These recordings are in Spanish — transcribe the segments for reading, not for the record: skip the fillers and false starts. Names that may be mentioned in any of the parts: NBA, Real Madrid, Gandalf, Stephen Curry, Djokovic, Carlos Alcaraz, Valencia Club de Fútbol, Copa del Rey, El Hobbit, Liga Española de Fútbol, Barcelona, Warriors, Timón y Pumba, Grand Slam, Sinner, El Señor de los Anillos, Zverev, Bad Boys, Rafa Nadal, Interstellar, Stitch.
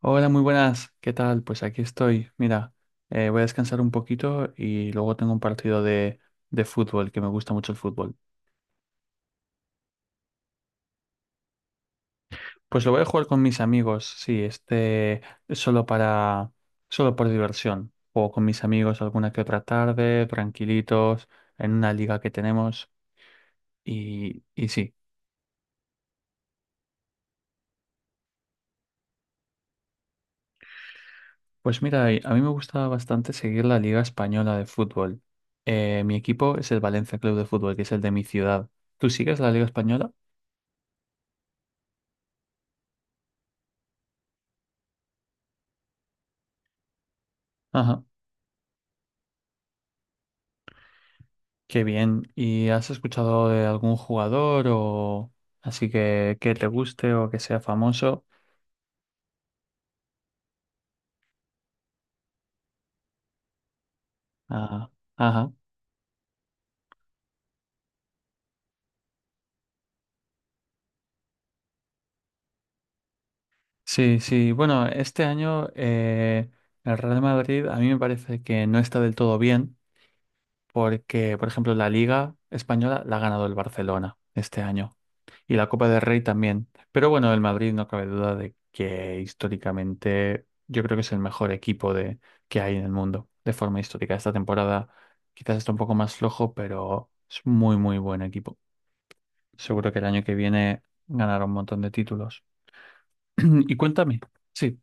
Hola, muy buenas. ¿Qué tal? Pues aquí estoy. Mira, voy a descansar un poquito y luego tengo un partido de fútbol, que me gusta mucho el fútbol. Pues lo voy a jugar con mis amigos, sí, este solo solo por diversión. Juego con mis amigos alguna que otra tarde, tranquilitos, en una liga que tenemos. Y sí, pues mira, y a mí me gusta bastante seguir la Liga Española de Fútbol. Mi equipo es el Valencia Club de Fútbol, que es el de mi ciudad. ¿Tú sigues la Liga Española? Ajá. Qué bien. ¿Y has escuchado de algún jugador o así que te guste o que sea famoso? Ah, ajá. Sí, sí. Bueno, este año el Real Madrid a mí me parece que no está del todo bien porque, por ejemplo, la Liga Española la ha ganado el Barcelona este año. Y la Copa del Rey también. Pero bueno, el Madrid no cabe duda de que históricamente yo creo que es el mejor equipo que hay en el mundo de forma histórica. Esta temporada quizás está un poco más flojo, pero es muy, muy buen equipo. Seguro que el año que viene ganará un montón de títulos. Y cuéntame. Sí.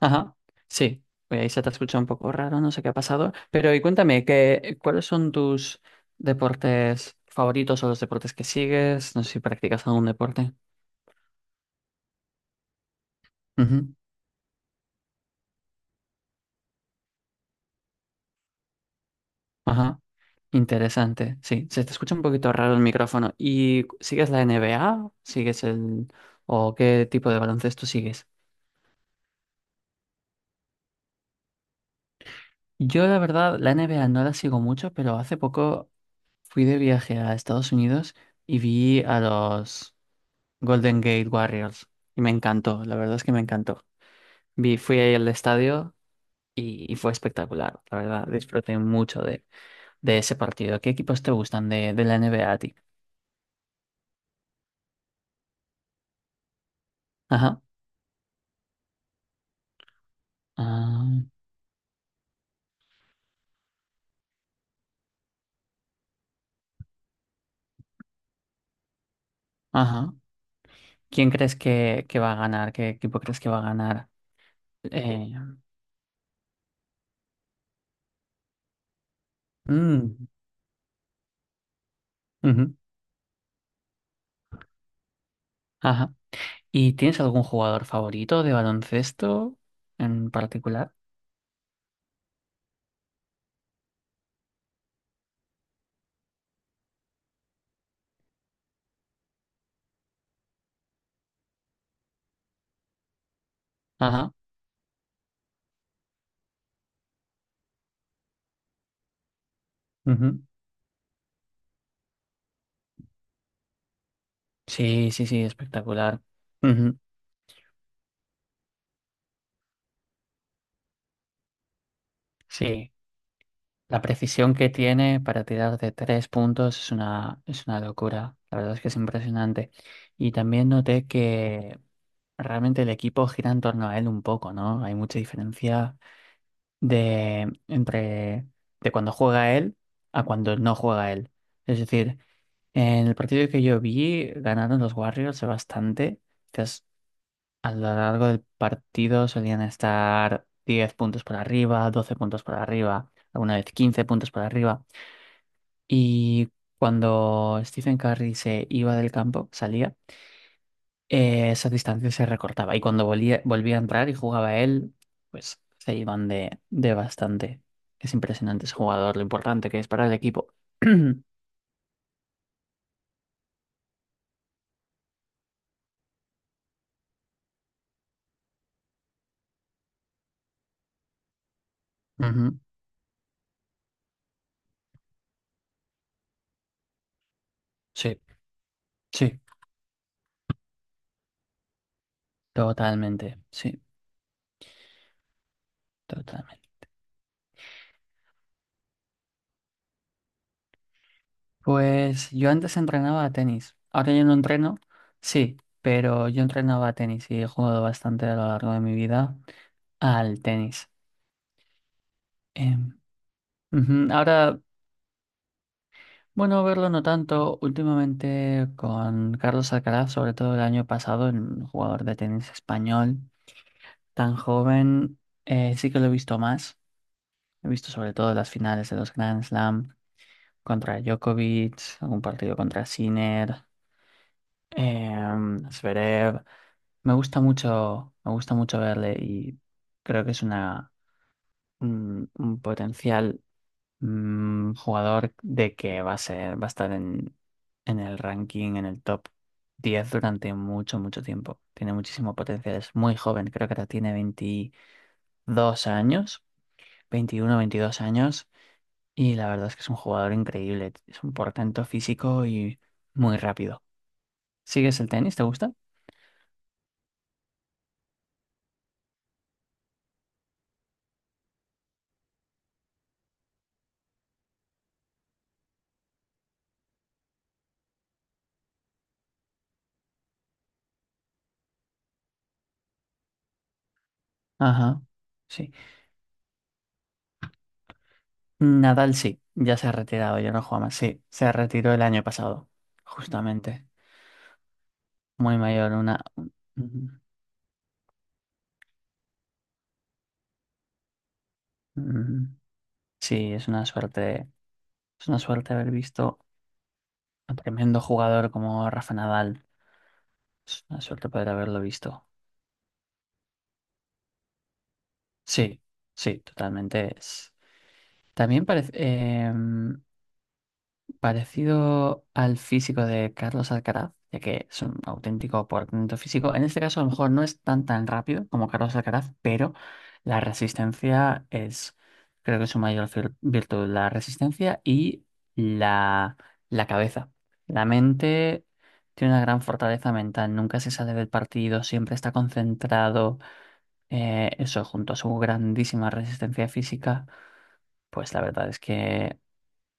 Ajá, sí. Oye, ahí se te ha escuchado un poco raro, no sé qué ha pasado. Pero y cuéntame, ¿cuáles son tus deportes favoritos o los deportes que sigues? No sé si practicas algún deporte. Ujú. Ajá. Intel o es- yo y vi Golders y me encantó, la verdad es que me encantó. Vi, fui ahí al estadio y fue espectacular, la verdad, disfruté mucho de ese partido. ¿Qué equipos te gustan de la NBA a ti? Ajá, ah, ajá. ¿Que va a ganar? ¿Qué equipo crees que va a ganar? Eh, mm, ujú, ajá. ¿Y tienes algún jugador favorito de baloncesto en particular? Ajá. Sí, sí, sí, espectacular. Ujú. Sí, la precisión que tiene para tirar de tres puntos es es una locura. La verdad es que es impresionante. Y también noté que realmente el equipo gira en torno a él un poco, ¿no? Hay mucha diferencia de, entre, de cuando juega él a cuando no juega él. Es decir, en el partido que yo vi, ganaron los Warriors bastante. A lo largo del partido solían estar 10 puntos por arriba, 12 puntos por arriba, alguna vez 15 puntos por arriba. Y cuando Stephen Curry se iba del campo, salía, esa distancia se recortaba. Y cuando volvía a entrar y jugaba él, pues se iban de bastante. Es impresionante ese jugador, lo importante que es para el equipo. Ujú. Sí, sí, totalmente, sí, totalmente. Pues yo antes entrenaba a tenis. Ahora yo no entreno, sí, pero yo entrenaba a tenis y he jugado bastante a lo largo de mi vida al tenis. Em, ujú. Ahora, bueno, verlo no tanto. Últimamente con Carlos Alcaraz, sobre todo el año pasado, un jugador de tenis español tan joven, sí que lo he visto más. He visto sobre todo las finales de los Grand Slam contra Djokovic, algún partido contra Sinner, eh, Zverev. Me gusta mucho verle y creo que es un potencial jugador de que va a ser, va a estar en el ranking, en el top 10 durante mucho, mucho tiempo. Tiene muchísimo potencial, es muy joven, creo que ahora tiene 22 años, 21, 22 años, y la verdad es que es un jugador increíble, es un portento físico y muy rápido. ¿Sigues el tenis? ¿Te gusta? Ajá, sí. Nadal sí, ya se ha retirado, ya no juega más. Sí, se retiró el año pasado, justamente. Muy mayor, una... Ujú, ujú. Sí, es una suerte haber visto a un tremendo jugador como Rafa Nadal. Es una suerte poder haberlo visto. Sí, sí, totalmente. También parece... parecido al físico de Carlos Alcaraz, ya que es un auténtico por talento físico. En este caso, a lo mejor no es tan tan rápido como Carlos Alcaraz, pero la resistencia es, creo que es su virtud, la resistencia y la, la cabeza. La mente tiene una gran fortaleza mental, nunca se sale del partido, siempre está concentrado. Eso, junto a su grandísima resistencia física, pues la verdad es que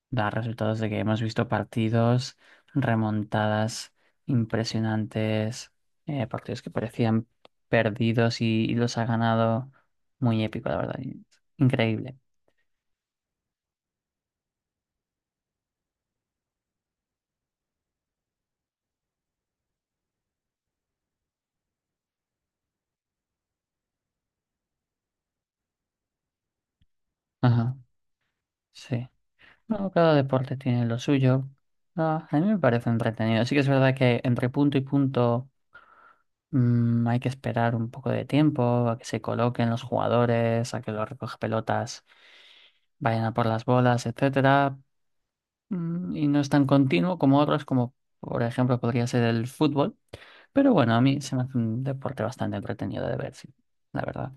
da resultados de que hemos visto partidos, remontadas impresionantes, partidos que parecían perdidos y los ha ganado muy épico, la verdad. Increíble. Ajá, sí. No, cada deporte tiene lo suyo. Ah, a mí me parece entretenido. Sí que es verdad que entre punto y punto hay que esperar un poco de tiempo a que se coloquen los jugadores, a que los recoge pelotas vayan a por las bolas, etcétera. Y no es tan continuo como otros, como por ejemplo podría ser el fútbol. Pero bueno, a mí se me hace un deporte bastante entretenido de ver, sí, la verdad.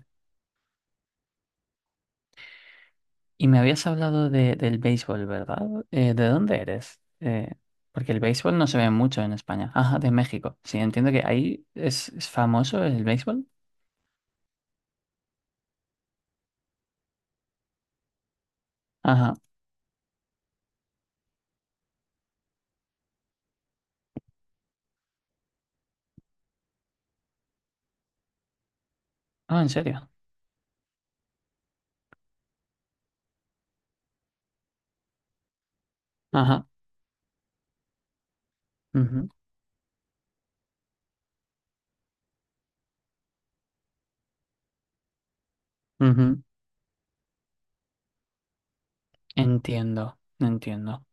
Y me habías hablado de, del béisbol, ¿verdad? ¿De dónde eres? Porque el béisbol no se ve mucho en España. Ajá, de México. Sí, entiendo que ahí es famoso el béisbol. Ajá. Ah, ¿en serio? Ajá. Ujú, ujú. Entiendo, entiendo.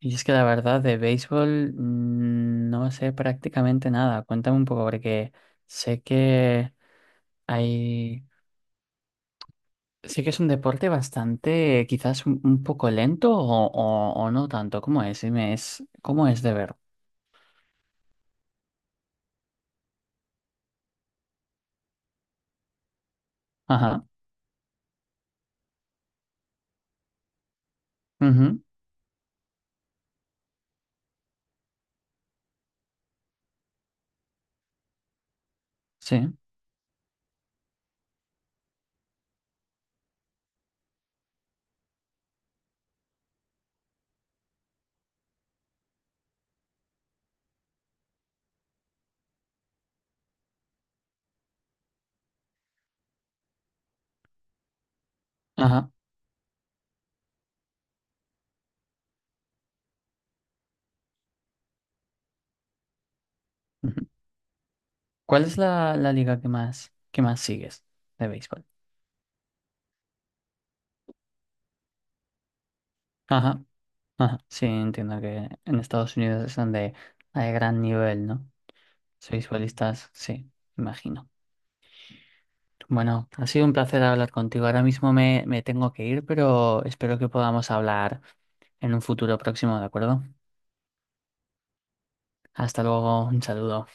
Y es que la verdad de béisbol no sé prácticamente nada. Cuéntame un poco porque sé que hay, sé que es un deporte bastante, quizás un poco lento o no tanto. ¿Cómo es? Dime, ¿cómo es de ver? Ajá. Ujú, sí. Ajá. Ujú. ¿Cuál es la liga que que más sigues de béisbol? Ajá. Ajá. Sí, entiendo que en Estados Unidos es donde hay gran nivel, ¿no? Béisbolistas, sí, imagino. Bueno, ha sido un placer hablar contigo. Ahora mismo me tengo que ir, pero espero que podamos hablar en un futuro próximo, ¿de acuerdo? Hasta luego, un saludo.